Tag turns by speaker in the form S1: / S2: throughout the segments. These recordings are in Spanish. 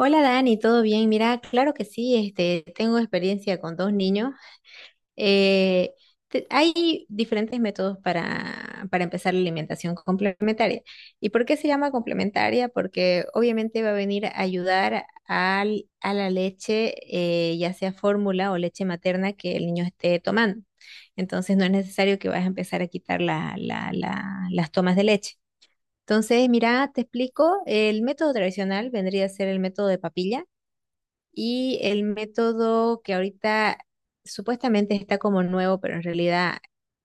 S1: Hola Dani, ¿todo bien? Mira, claro que sí, tengo experiencia con dos niños. Eh, Hay diferentes métodos para empezar la alimentación complementaria. ¿Y por qué se llama complementaria? Porque obviamente va a venir a ayudar a la leche, ya sea fórmula o leche materna que el niño esté tomando. Entonces no es necesario que vayas a empezar a quitar las tomas de leche. Entonces, mira, te explico, el método tradicional vendría a ser el método de papilla y el método que ahorita supuestamente está como nuevo, pero en realidad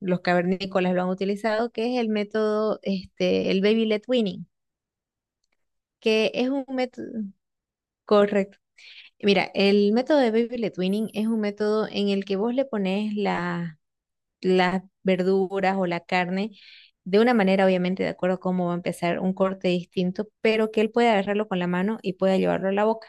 S1: los cavernícolas lo han utilizado, que es el método, el baby led weaning, que es un método correcto. Mira, el método de baby led weaning es un método en el que vos le pones las verduras o la carne de una manera, obviamente, de acuerdo a cómo va a empezar un corte distinto, pero que él pueda agarrarlo con la mano y pueda llevarlo a la boca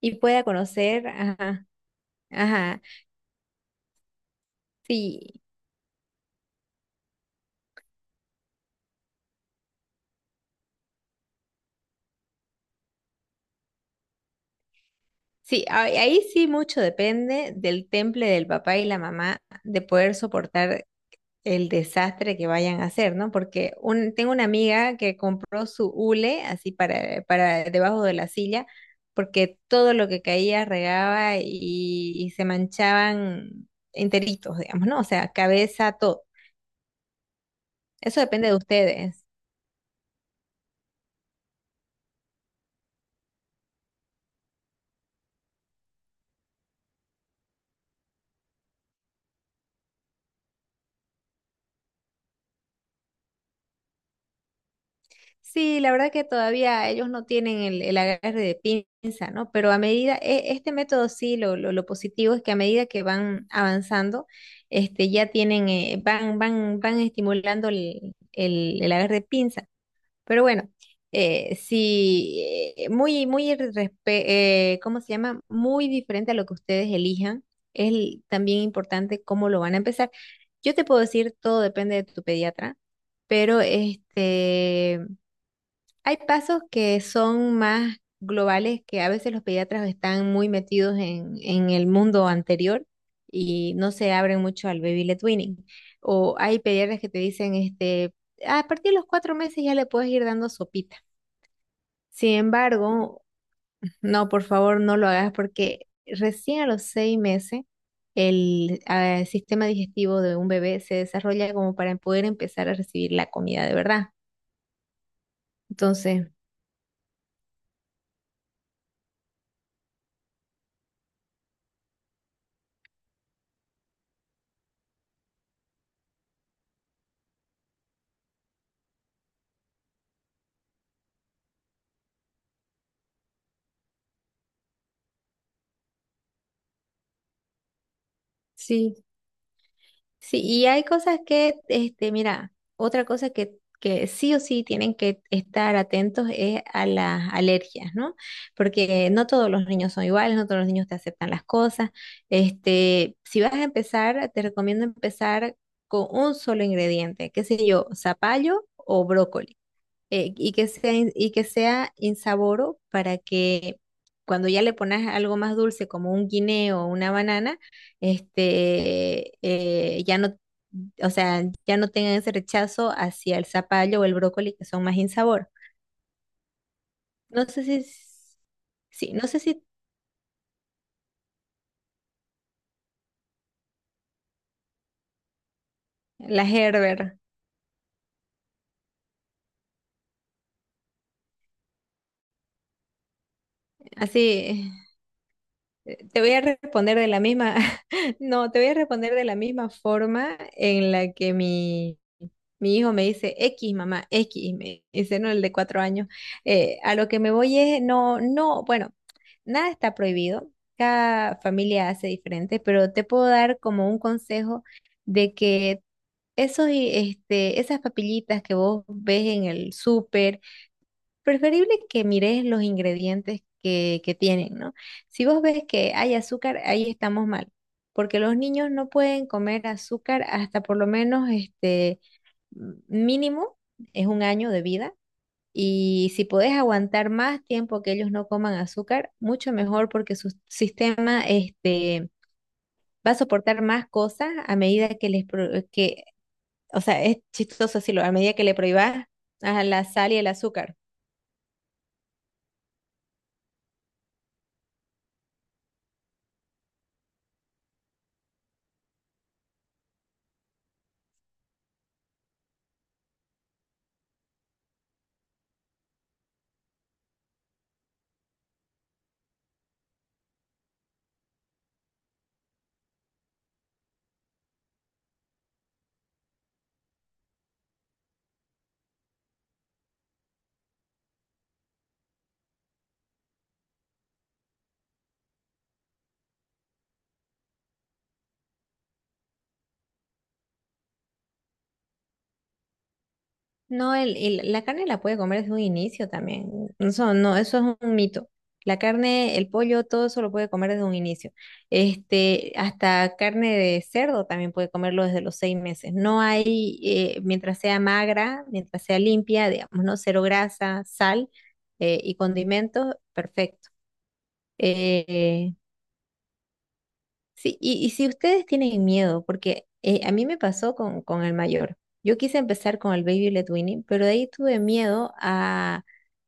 S1: y pueda conocer, ajá, ajá. Sí, sí, ahí sí mucho depende del temple del papá y la mamá de poder soportar el desastre que vayan a hacer, ¿no? Porque tengo una amiga que compró su hule así para debajo de la silla, porque todo lo que caía regaba y se manchaban enteritos, digamos, ¿no? O sea, cabeza, todo. Eso depende de ustedes. Sí, la verdad que todavía ellos no tienen el agarre de pinza, ¿no? Pero a medida, este método sí, lo positivo es que a medida que van avanzando, ya tienen, van estimulando el agarre de pinza. Pero bueno, sí, ¿cómo se llama? Muy diferente a lo que ustedes elijan. Es también importante cómo lo van a empezar. Yo te puedo decir, todo depende de tu pediatra, pero hay pasos que son más globales, que a veces los pediatras están muy metidos en el mundo anterior y no se abren mucho al baby led weaning. O hay pediatras que te dicen, a partir de los 4 meses ya le puedes ir dando sopita. Sin embargo, no, por favor, no lo hagas porque recién a los 6 meses el sistema digestivo de un bebé se desarrolla como para poder empezar a recibir la comida de verdad. Entonces. Sí, sí, y hay cosas que, mira, otra cosa que sí o sí tienen que estar atentos es a las alergias, ¿no? Porque no todos los niños son iguales, no todos los niños te aceptan las cosas. Si vas a empezar, te recomiendo empezar con un solo ingrediente, qué sé yo, zapallo o brócoli y que sea, y que sea insaboro para que cuando ya le pones algo más dulce como un guineo o una banana, este, eh, ya no, o sea, ya no tengan ese rechazo hacia el zapallo o el brócoli que son más insabor. No sé si, s- sí, no sé si la Gerber, así, te voy a responder de la misma, no, te voy a responder de la misma forma en la que mi hijo me dice X, mamá, X, me dice, no, el de 4 años. A lo que me voy es, no, no, bueno, nada está prohibido, cada familia hace diferente, pero te puedo dar como un consejo de que esas papillitas que vos ves en el súper, preferible que mires los ingredientes que tienen, ¿no? Si vos ves que hay azúcar, ahí estamos mal, porque los niños no pueden comer azúcar hasta por lo menos, mínimo es 1 año de vida y si podés aguantar más tiempo que ellos no coman azúcar, mucho mejor porque su sistema va a soportar más cosas a medida que les, o sea, es chistoso decirlo, a medida que le prohíbas a la sal y el azúcar. No, el, la carne la puede comer desde un inicio también. Eso no, eso es un mito. La carne, el pollo, todo eso lo puede comer desde un inicio. Hasta carne de cerdo también puede comerlo desde los 6 meses. No hay, mientras sea magra, mientras sea limpia, digamos, ¿no? Cero grasa, sal, y condimentos, perfecto. Eh, Sí, y si ustedes tienen miedo, porque a mí me pasó con, el mayor. Yo quise empezar con el Baby Led Winnie, pero de ahí tuve miedo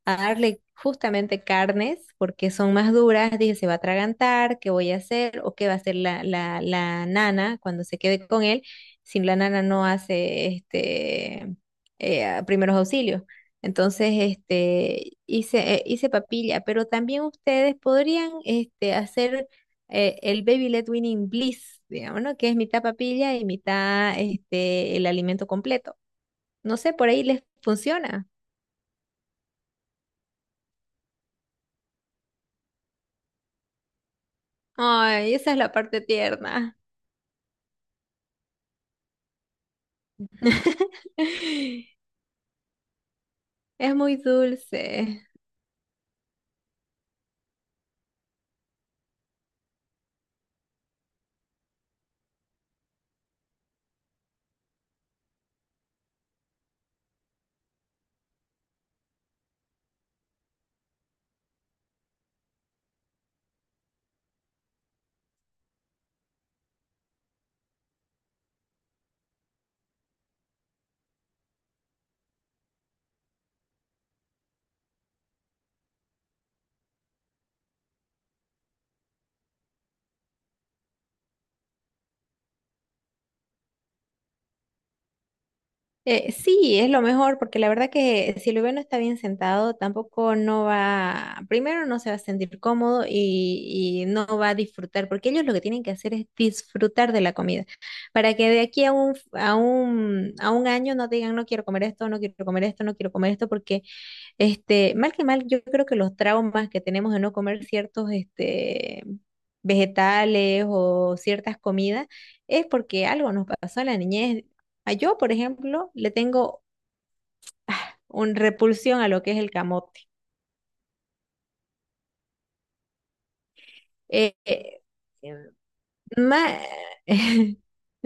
S1: a darle justamente carnes, porque son más duras. Dije, se va a atragantar, ¿qué voy a hacer? ¿O qué va a hacer la, la nana cuando se quede con él? Si la nana no hace primeros auxilios. Entonces, hice, hice papilla, pero también ustedes podrían hacer el Baby led Winning Bliss, digamos, ¿no? Que es mitad papilla y mitad el alimento completo. No sé, por ahí les funciona. Ay, esa es la parte tierna. Es muy dulce. Sí, es lo mejor, porque la verdad que si el bebé no está bien sentado, tampoco no va, primero no se va a sentir cómodo y no va a disfrutar, porque ellos lo que tienen que hacer es disfrutar de la comida, para que de aquí a un año no digan, no quiero comer esto, no quiero comer esto, no quiero comer esto, porque mal que mal, yo creo que los traumas que tenemos de no comer ciertos vegetales o ciertas comidas es porque algo nos pasó en la niñez. A yo, por ejemplo, le tengo una repulsión a lo que es el camote. Eh, eh, ma-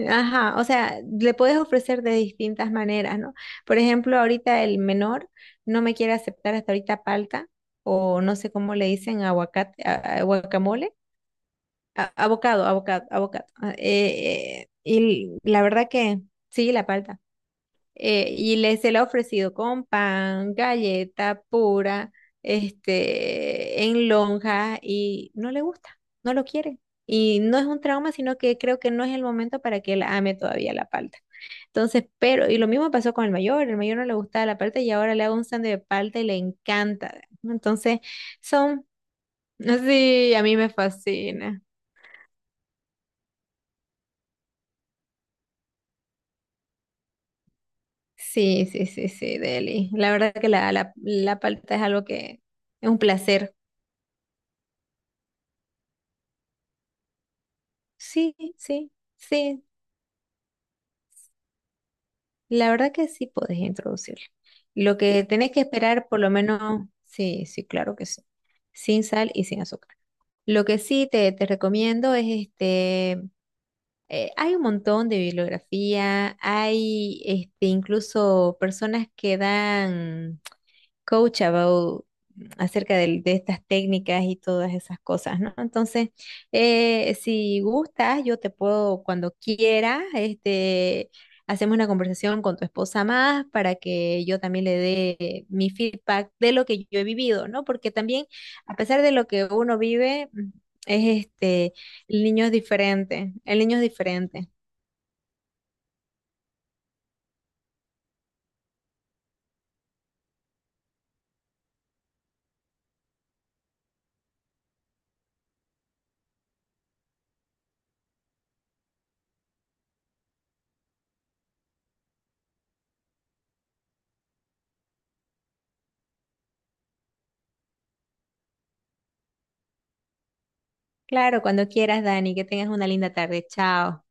S1: Ajá, o sea, le puedes ofrecer de distintas maneras, ¿no? Por ejemplo, ahorita el menor no me quiere aceptar hasta ahorita palta o no sé cómo le dicen aguacate, guacamole abocado, abocado, abocado. Ah, y la verdad que sí, la palta. Y se la ha ofrecido con pan, galleta pura, en lonja y no le gusta, no lo quiere. Y no es un trauma, sino que creo que no es el momento para que él ame todavía la palta. Entonces, pero, y lo mismo pasó con el mayor no le gustaba la palta y ahora le hago un sándwich de palta y le encanta. Entonces, son, sí, a mí me fascina. Sí, sí, sí, sí, Deli. La verdad que la, la palta es algo que es un placer. Sí, sí, sí. La verdad que sí puedes introducirlo. Lo que tenés que esperar, por lo menos, sí, sí, claro que sí. Sin sal y sin azúcar. Lo que sí te recomiendo es hay un montón de bibliografía, hay incluso personas que dan coach about acerca de, estas técnicas y todas esas cosas, ¿no? Entonces, si gustas, yo te puedo, cuando quiera, hacemos una conversación con tu esposa más para que yo también le dé mi feedback de lo que yo he vivido, ¿no? Porque también, a pesar de lo que uno vive, es el niño es diferente, el niño es diferente. Claro, cuando quieras, Dani, que tengas una linda tarde. Chao.